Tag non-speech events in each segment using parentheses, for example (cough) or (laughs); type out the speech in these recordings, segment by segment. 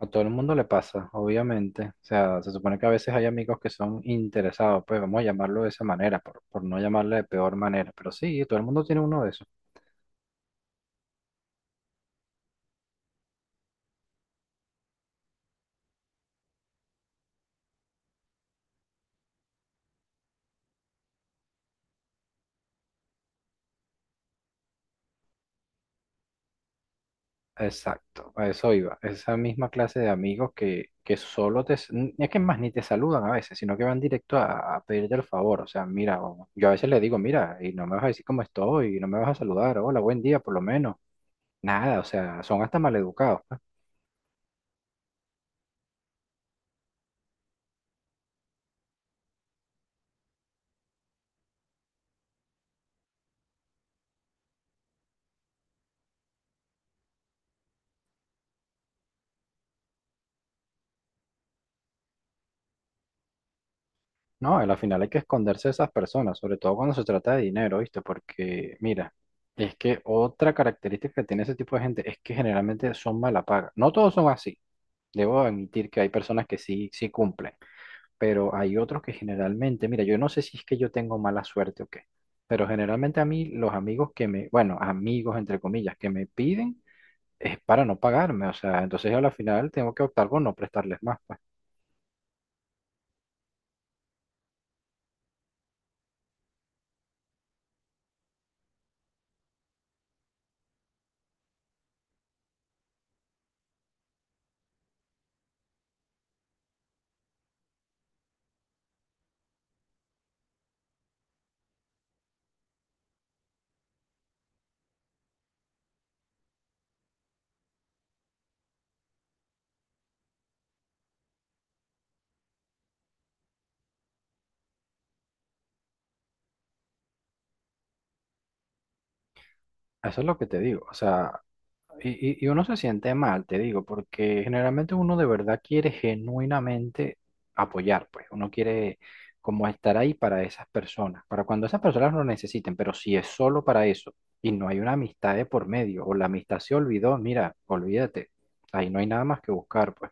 A todo el mundo le pasa, obviamente. O sea, se supone que a veces hay amigos que son interesados, pues vamos a llamarlo de esa manera, por no llamarle de peor manera. Pero sí, todo el mundo tiene uno de esos. Exacto, a eso iba. Esa misma clase de amigos que solo te... Es que más ni te saludan a veces, sino que van directo a pedirte el favor. O sea, mira, yo a veces le digo, mira, y no me vas a decir cómo estoy, y no me vas a saludar, hola, buen día, por lo menos. Nada, o sea, son hasta maleducados, pues. No, y al final hay que esconderse de esas personas, sobre todo cuando se trata de dinero, ¿viste? Porque, mira, es que otra característica que tiene ese tipo de gente es que generalmente son mala paga. No todos son así. Debo admitir que hay personas que sí, sí cumplen, pero hay otros que generalmente, mira, yo no sé si es que yo tengo mala suerte o qué, pero generalmente a mí los amigos que me, bueno, amigos entre comillas, que me piden es para no pagarme, o sea, entonces yo al final tengo que optar por no prestarles más, pues. Eso es lo que te digo, o sea. Y, y uno se siente mal, te digo, porque generalmente uno de verdad quiere genuinamente apoyar, pues uno quiere como estar ahí para esas personas, para cuando esas personas lo necesiten, pero si es solo para eso y no hay una amistad de por medio o la amistad se olvidó, mira, olvídate, ahí no hay nada más que buscar, pues.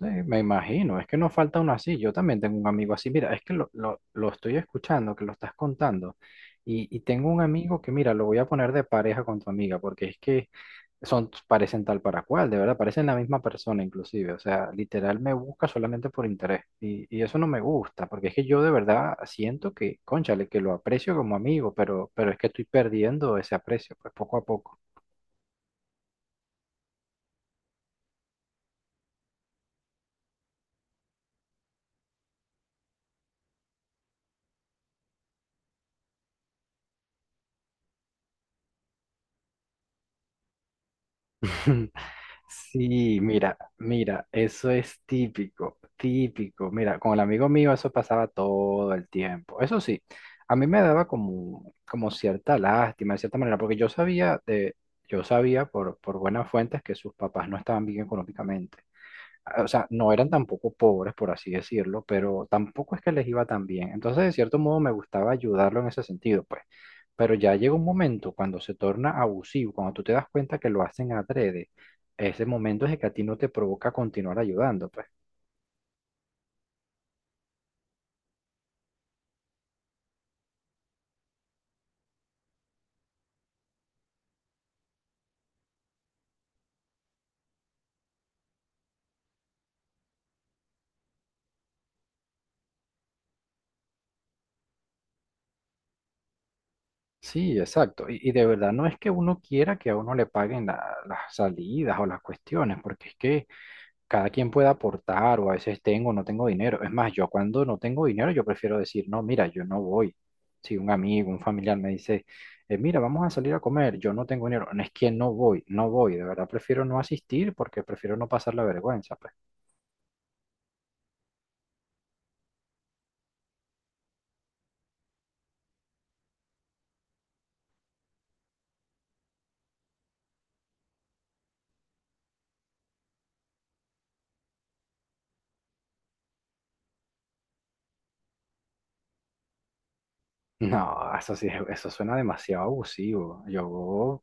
Sí, me imagino, es que no falta uno así, yo también tengo un amigo así, mira, es que lo estoy escuchando, que lo estás contando, y tengo un amigo que, mira, lo voy a poner de pareja con tu amiga, porque es que... son, parecen tal para cual, de verdad, parecen la misma persona inclusive, o sea, literal me busca solamente por interés y eso no me gusta, porque es que yo de verdad siento que, cónchale, que lo aprecio como amigo, pero es que estoy perdiendo ese aprecio, pues poco a poco. (laughs) Sí, mira, mira, eso es típico, típico. Mira, con el amigo mío eso pasaba todo el tiempo. Eso sí, a mí me daba como, como cierta lástima, de cierta manera, porque yo sabía por buenas fuentes que sus papás no estaban bien económicamente, o sea, no eran tampoco pobres, por así decirlo, pero tampoco es que les iba tan bien. Entonces, de cierto modo, me gustaba ayudarlo en ese sentido, pues. Pero ya llega un momento cuando se torna abusivo, cuando tú te das cuenta que lo hacen adrede, ese momento es el que a ti no te provoca continuar ayudando, pues. Sí, exacto. Y de verdad no es que uno quiera que a uno le paguen las salidas o las cuestiones, porque es que cada quien puede aportar o a veces tengo o no tengo dinero. Es más, yo cuando no tengo dinero, yo prefiero decir, no, mira, yo no voy. Si un amigo, un familiar me dice, mira, vamos a salir a comer, yo no tengo dinero", no es que no voy, no voy, de verdad prefiero no asistir porque prefiero no pasar la vergüenza, pues. (laughs) No, eso sí, eso suena demasiado abusivo. Yo,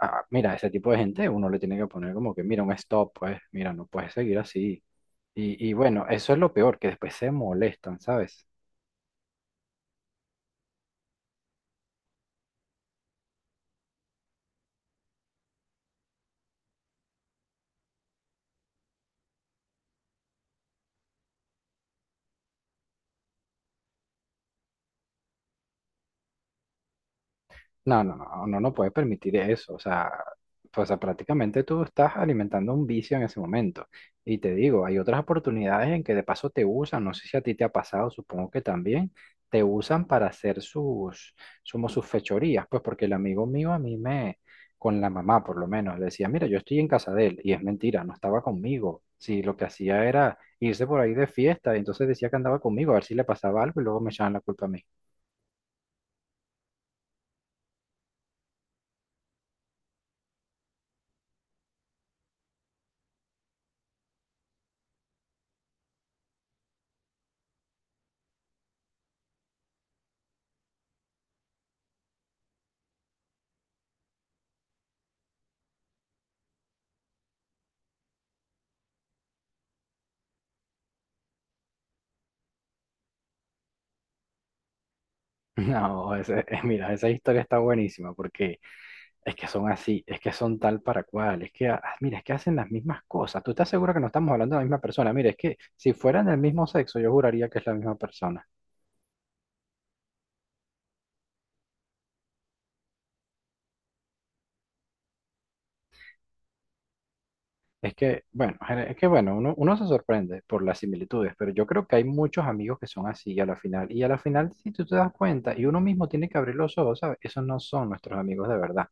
mira, ese tipo de gente uno le tiene que poner como que, mira, un stop, pues, mira, no puedes seguir así. Y bueno, eso es lo peor, que después se molestan, ¿sabes? No, no, no, no, no puedes permitir eso. O sea, pues, o sea, prácticamente tú estás alimentando un vicio en ese momento. Y te digo, hay otras oportunidades en que de paso te usan, no sé si a ti te ha pasado, supongo que también, te usan para hacer sus, como sus fechorías, pues porque el amigo mío a mí me, con la mamá por lo menos, le decía, mira, yo estoy en casa de él, y es mentira, no estaba conmigo. Sí, lo que hacía era irse por ahí de fiesta, y entonces decía que andaba conmigo, a ver si le pasaba algo y luego me echaban la culpa a mí. (laughs) No, mira, esa historia está buenísima porque es que son así, es que son tal para cual, es que, ah, ah, mira, es que hacen las mismas cosas. ¿Tú estás seguro que no estamos hablando de la misma persona? Mira, es que si fueran del mismo sexo, yo juraría que es la misma persona. Es que, bueno, es que, bueno, uno, uno se sorprende por las similitudes, pero yo creo que hay muchos amigos que son así a la final. Y a la final, si tú te das cuenta, y uno mismo tiene que abrir los ojos, ¿sabes? Esos no son nuestros amigos de verdad.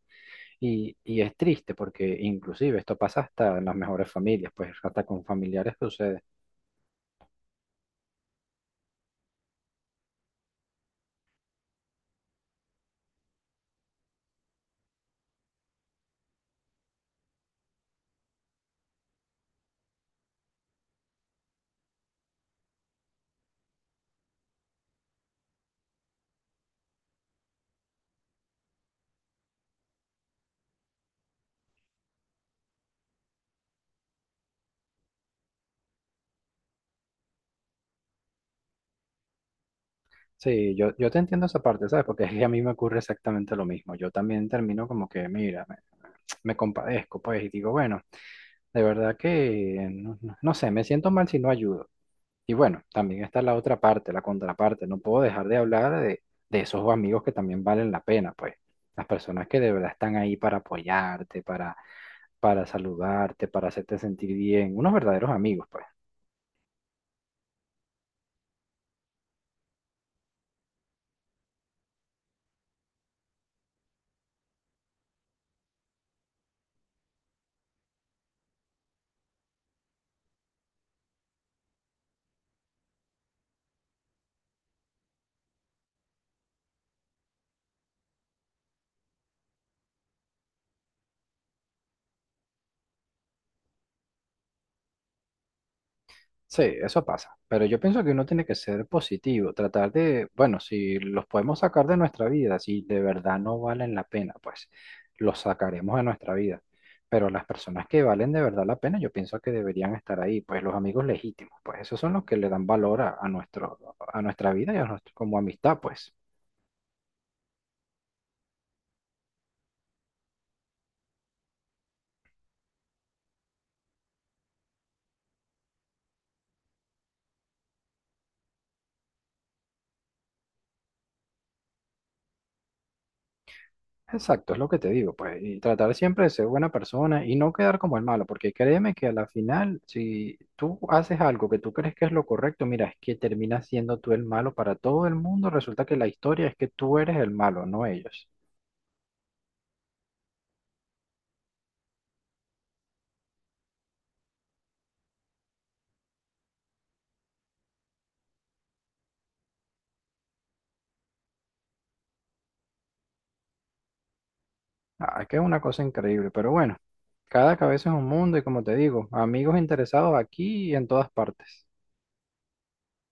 Y es triste porque inclusive esto pasa hasta en las mejores familias, pues hasta con familiares sucede. Sí, yo te entiendo esa parte, ¿sabes? Porque es que a mí me ocurre exactamente lo mismo. Yo también termino como que, mira, me compadezco, pues, y digo, bueno, de verdad que, no, no sé, me siento mal si no ayudo. Y bueno, también está la otra parte, la contraparte. No puedo dejar de hablar de esos amigos que también valen la pena, pues. Las personas que de verdad están ahí para apoyarte, para saludarte, para hacerte sentir bien. Unos verdaderos amigos, pues. Sí, eso pasa, pero yo pienso que uno tiene que ser positivo, tratar de, bueno, si los podemos sacar de nuestra vida, si de verdad no valen la pena, pues los sacaremos de nuestra vida. Pero las personas que valen de verdad la pena, yo pienso que deberían estar ahí, pues los amigos legítimos, pues esos son los que le dan valor a nuestro, a nuestra vida y a nuestro, como amistad, pues. Exacto, es lo que te digo, pues, y tratar siempre de ser buena persona y no quedar como el malo, porque créeme que a la final, si tú haces algo que tú crees que es lo correcto, mira, es que terminas siendo tú el malo para todo el mundo, resulta que la historia es que tú eres el malo, no ellos. Ah, es que es una cosa increíble, pero bueno, cada cabeza es un mundo y como te digo, amigos interesados aquí y en todas partes.